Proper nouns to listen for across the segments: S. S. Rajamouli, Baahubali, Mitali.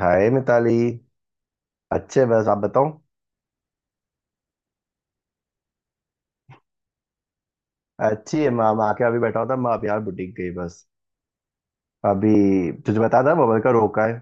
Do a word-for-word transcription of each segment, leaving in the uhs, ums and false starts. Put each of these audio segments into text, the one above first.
हाय मिताली। अच्छे, बस आप बताओ। अच्छी है। मैं मैं आके अभी बैठा हुआ था। मैं अभी यार बुटीक गई बस। अभी तुझे बता था बबल का रोका है।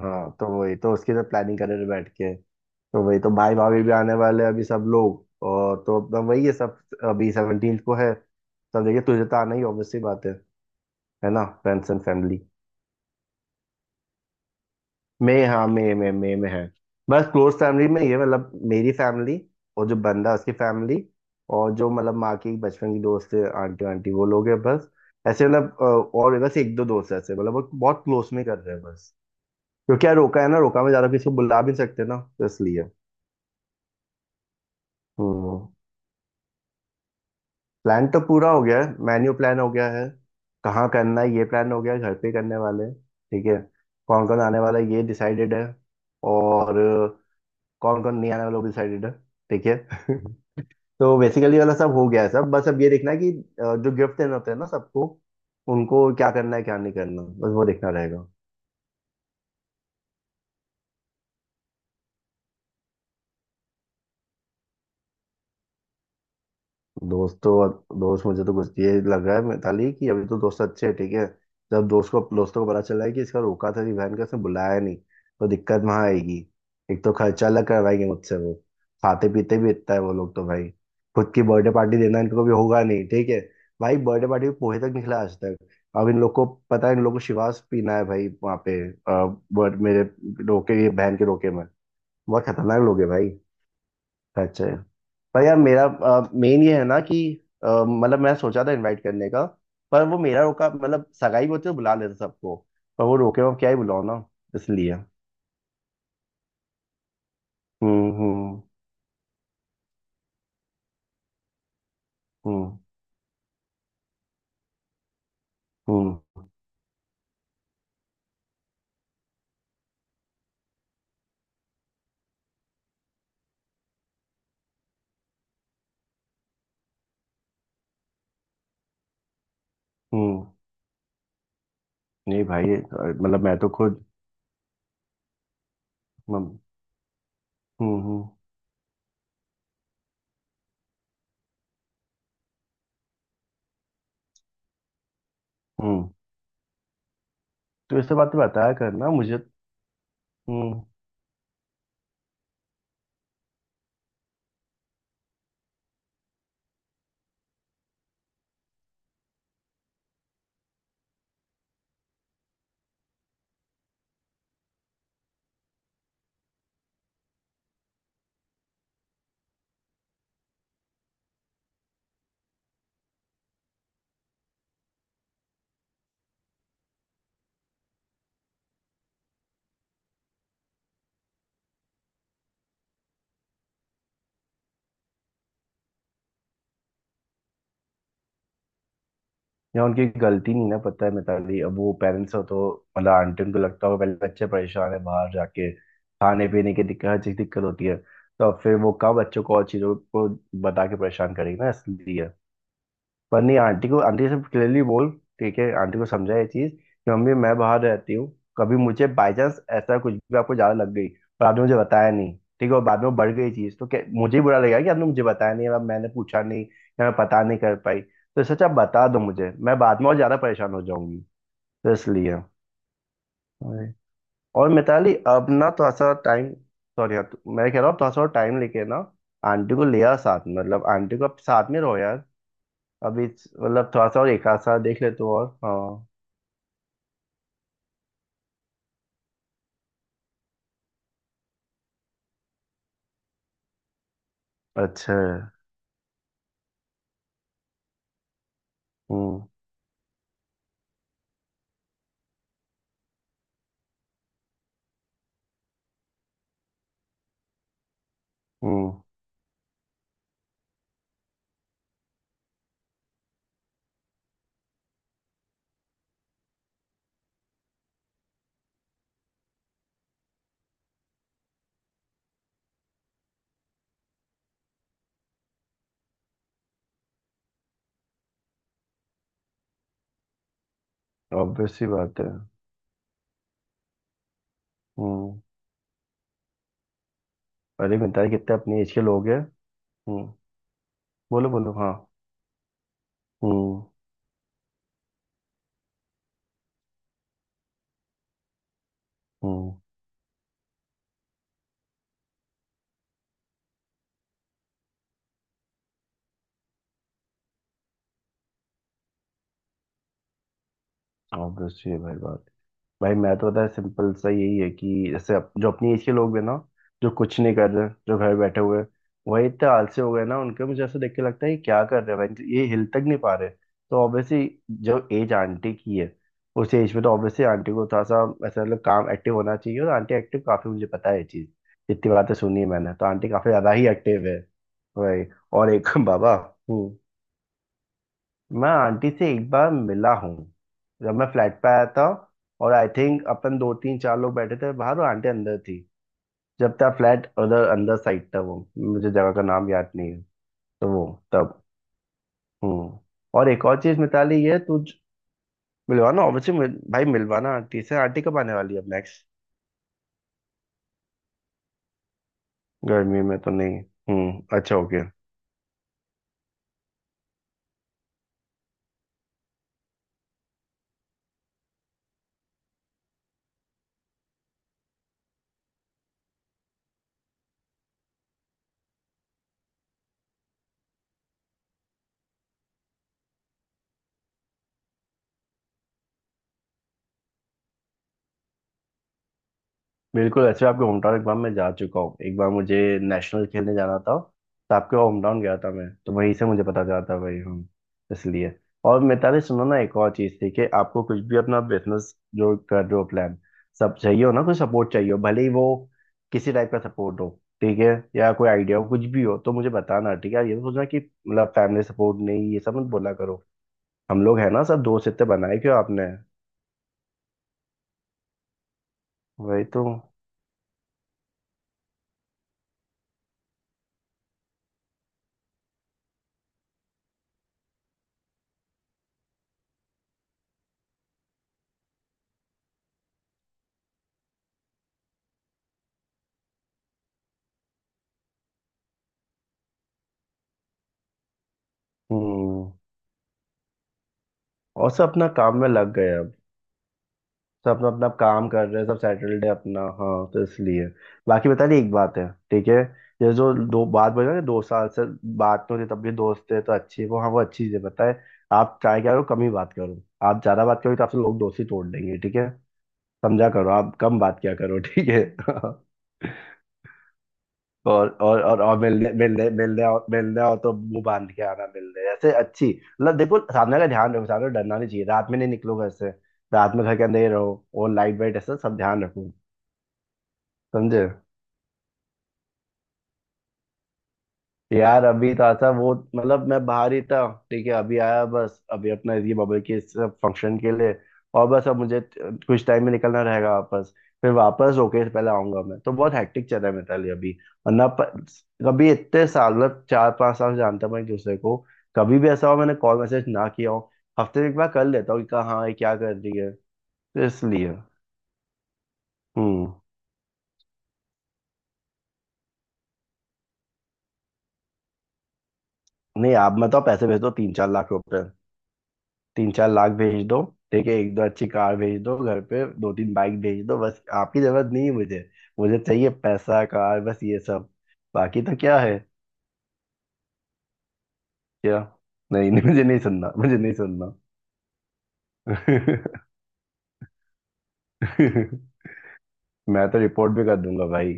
हाँ, तो वही तो उसकी तो प्लानिंग कर रहे थे बैठ के। तो वही तो भाई भाभी भी आने वाले हैं अभी सब लोग। और तो अपना वही है सब। अभी सेवेन्टीन्थ को है। सब देखिए तुझे तो आना ही ऑब्वियसली बात है। है ना, फ्रेंड्स एंड फैमिली। मैं हाँ मैं मैं मैं में है। बस क्लोज फैमिली में ये, मतलब मेरी फैमिली। और जो बंदा, उसकी फैमिली। और जो मतलब माँ की बचपन की दोस्त है आंटी, आंटी वो लोग हैं बस। ऐसे मतलब अ, और बस एक दो दोस्त ऐसे, मतलब वो बहुत क्लोज में कर रहे हैं बस। क्योंकि यार रोका है ना, रोका में ज्यादा किसी को बुला भी नहीं सकते ना, तो इसलिए। हम्म। प्लान तो पूरा हो गया है। मेन्यू प्लान हो गया है। कहाँ करना है ये प्लान हो गया है, घर पे करने वाले हैं, ठीक है। कौन कौन आने वाला है ये डिसाइडेड है। और कौन कौन नहीं आने वाला वो भी डिसाइडेड है। ठीक है। तो बेसिकली वाला सब हो गया है सब। बस अब ये देखना है कि अ, जो गिफ्ट देना होता है ना सबको, उनको क्या करना है क्या नहीं करना, बस वो देखना रहेगा। दोस्तों दोस्त मुझे तो कुछ ये लग रहा है मिताली कि अभी तो दोस्त अच्छे हैं ठीक है। जब दोस्त को दोस्तों को पता चला है कि इसका रोका था बहन का, इसने बुलाया नहीं, तो दिक्कत वहां आएगी। एक तो खर्चा अलग करवाएंगे मुझसे वो। खाते पीते भी इतना है वो लोग तो भाई। खुद की बर्थडे पार्टी देना इनको कभी होगा नहीं ठीक है। भाई बर्थडे पार्टी में पोहे तक निकला आज तक। अब इन लोग को पता है, इन लोग को शिवास पीना है भाई वहाँ पे अ, बर्थ- मेरे रोके, ये बहन के रोके में बहुत खतरनाक लोग है भाई। खर्चे। पर यार मेरा मेन ये है ना कि अ, मतलब मैं सोचा था इनवाइट करने का। पर वो मेरा रोका, मतलब सगाई होती तो बुला लेते सबको। पर वो रोके हुए, अब क्या ही बुलाओ ना, इसलिए। हम्म। हम्म। हम्म। हम्म। हम्म। नहीं भाई अ, मतलब मैं तो खुद। हम्म। हम्म। हम्म। हम्म। तो इस बात तो बताया करना मुझे। हम्म। या उनकी गलती नहीं ना, पता है मिताली, अब वो पेरेंट्स हो तो मतलब आंटी, उनको लगता होगा पहले बच्चे परेशान है बाहर, जाके खाने पीने की दिक्कत, हर चीज दिक्कत होती है, तो अब फिर वो कब बच्चों को और चीजों को बता के परेशान करेगी ना, इसलिए। पर नहीं, आंटी को, आंटी से क्लियरली बोल, ठीक है। आंटी को समझा ये चीज कि मम्मी मैं बाहर रहती हूँ, कभी मुझे बाई चांस ऐसा कुछ भी आपको ज्यादा लग गई, पर आपने मुझे बताया नहीं, ठीक है, और बाद में वो बढ़ गई चीज, तो क्या मुझे ही बुरा लगेगा कि आपने मुझे बताया नहीं या मैंने पूछा नहीं या मैं पता नहीं कर पाई, तो सच आप बता दो मुझे, मैं बाद में और ज्यादा परेशान हो जाऊंगी, तो इसलिए। अरे। और मिताली अब ना थोड़ा सा टाइम। सॉरी, मैं कह रहा हूँ थोड़ा सा टाइम लेके ना, आंटी को ले आओ साथ में, मतलब आंटी को आप साथ में रहो यार। अभी मतलब थोड़ा सा और एक आध साल देख ले तो, और हाँ, अच्छा है। हम्म। हम्म। ऑब्वियस सी बात है। हम्म। अरे मिताली कितने अपनी एज के लोग हैं। हम्म। बोलो बोलो, हाँ। हम्म। हम्म। ऑब्वियस सी है भाई बात। भाई मैं तो पता है, सिंपल सा यही है कि जैसे अप, जो अपनी एज के लोग हैं ना, जो कुछ नहीं कर रहे, जो घर बैठे हुए हैं, वही इतने आलसी हो गए ना, उनके मुझे ऐसा देख के लगता है, ये क्या कर रहे हैं भाई, ये हिल तक नहीं पा रहे। तो ऑब्वियसली, जो एज आंटी की है, उस एज में तो ऑब्वियसली आंटी को थोड़ा सा ऐसा, मतलब काम एक्टिव होना चाहिए, और आंटी एक्टिव काफी, मुझे पता है ये चीज। जितनी बातें सुनी है मैंने, तो आंटी काफी ज्यादा ही एक्टिव है। भाई और एक बाबा। हूँ। मैं आंटी से एक बार मिला हूँ, जब मैं फ्लैट पे आया था, और आई थिंक अपन दो तीन चार लोग बैठे थे बाहर और आंटी अंदर थी। जब तक फ्लैट उधर अंदर साइड था, वो मुझे जगह का नाम याद नहीं है। तो वो। तब। हम्म। और एक और चीज मिताली, ये तू ज- मिलवाना, ऑब्वियसली मिल, भाई मिलवाना आंटी से। आंटी कब आने वाली है अब नेक्स्ट? गर्मी में तो नहीं। हम्म, अच्छा ओके। बिल्कुल, अच्छा आपके होम टाउन एक बार मैं जा चुका हूँ, एक बार मुझे नेशनल खेलने जाना था, तो आपके होम टाउन गया था मैं, तो वहीं से मुझे पता चला था भाई हम, इसलिए। और मिताली सुनो ना, एक और चीज़ थी कि आपको कुछ भी अपना बिजनेस जो कर रहे हो प्लान, सब चाहिए हो ना, कोई सपोर्ट चाहिए हो, भले ही वो किसी टाइप का सपोर्ट हो, ठीक है, या कोई आइडिया हो, कुछ भी हो, तो मुझे बताना ठीक है। ये तो सोचना कि मतलब फैमिली सपोर्ट नहीं, ये सब मत बोला करो। हम लोग है ना, सब दोस्त इतने बनाए क्यों आपने, वही तो। हम्म। और सब अपना काम में लग गए। सब अपना अपना काम कर रहे हैं सब, सैटरडे अपना, हाँ, तो इसलिए बाकी बता रही, एक बात है ठीक है। ये जो दो बात बोल रहे हैं ना, दो साल से बात नहीं होती तब भी दोस्त है तो अच्छी है, वो हाँ वो अच्छी चीज़ है, पता है, आप ट्राई करो कम ही बात करो। आप ज्यादा बात करोगे तो आपसे लोग दोस्ती तोड़ देंगे ठीक है। समझा करो, आप कम बात किया करो ठीक है। और और और, और मिलने मिलने मिलने आओ, मिलने आओ तो मुंह बांध के आना, मिलने ऐसे अच्छी, मतलब देखो सामने का ध्यान रखो, सामने को डरना नहीं चाहिए, रात में नहीं निकलो घर से, रात में घर के अंदर ही रहो, और लाइट वाइट ऐसा सब ध्यान रखो, समझे। यार अभी तो था वो, मतलब मैं बाहर ही था, ठीक है, अभी आया बस, अभी अपना ये बबल के सब फंक्शन के लिए। और बस अब मुझे त- कुछ टाइम में निकलना रहेगा वापस। फिर वापस होके पहले आऊंगा मैं, तो बहुत हैक्टिक चल रहा है मेरे लिए अभी। वरना प- कभी इतने साल, मतलब चार पांच साल जानता हूं मैं एक दूसरे को, कभी भी ऐसा हो मैंने कॉल मैसेज ना किया हो, हफ्ते में एक बार कर लेता हूँ कि कहाँ है क्या कर रही है, तो इसलिए। हम्म। नहीं, आप मतलब पैसे भेज दो, तीन चार लाख रुपए। तीन चार लाख भेज दो, ठीक है, एक दो अच्छी कार भेज दो घर पे, दो तीन बाइक भेज दो, बस, आपकी जरूरत नहीं है मुझे। मुझे चाहिए पैसा कार बस ये सब, बाकी तो क्या है। क्या? नहीं नहीं, मुझे नहीं सुनना, मुझे नहीं सुनना। मैं तो रिपोर्ट भी कर दूंगा भाई।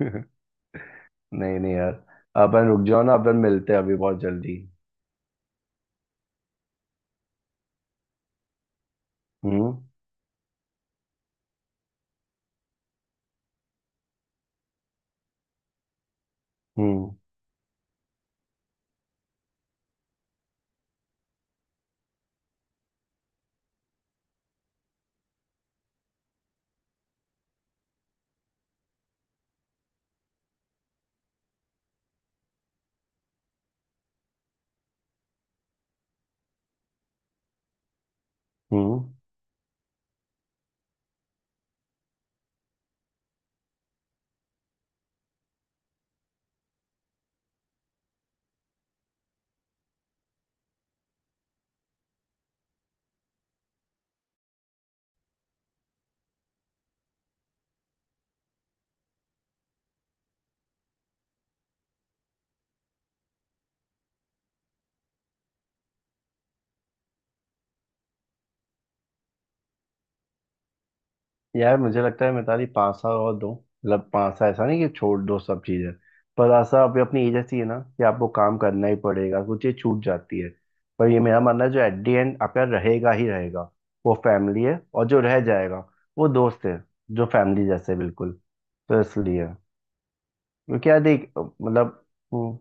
नहीं, नहीं यार, अपन रुक जाओ ना, अपन मिलते हैं अभी बहुत जल्दी। हम्म। हम्म। हम्म। यार मुझे लगता है मैं, तारी पासा और दो, मतलब पासा ऐसा नहीं कि छोड़ दो सब चीजें, पर आशा आप अपनी एज ऐसी है ना कि आपको काम करना ही पड़ेगा, कुछ चीज छूट जाती है, पर ये मेरा मानना है जो एट दी एंड आपका रहेगा ही रहेगा, वो फैमिली है। और जो रह जाएगा वो दोस्त है, जो फैमिली जैसे बिल्कुल, तो इसलिए, क्योंकि यार देख मतलब। हम्म,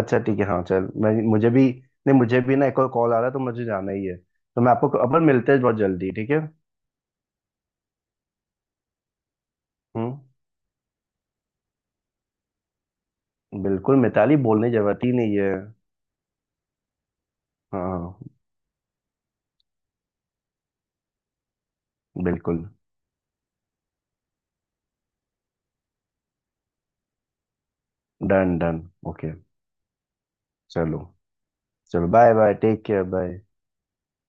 अच्छा ठीक है, हाँ चल, मैं मुझे भी, नहीं मुझे भी ना एक और कॉल आ रहा है तो मुझे जाना ही है, तो मैं आपको, अपन मिलते हैं बहुत जल्दी ठीक है। हम्म। बिल्कुल मिताली, बोलने की जरूरत ही नहीं है। हाँ। बिल्कुल। Done done. ओके। चलो। चलो, bye bye, take care, bye.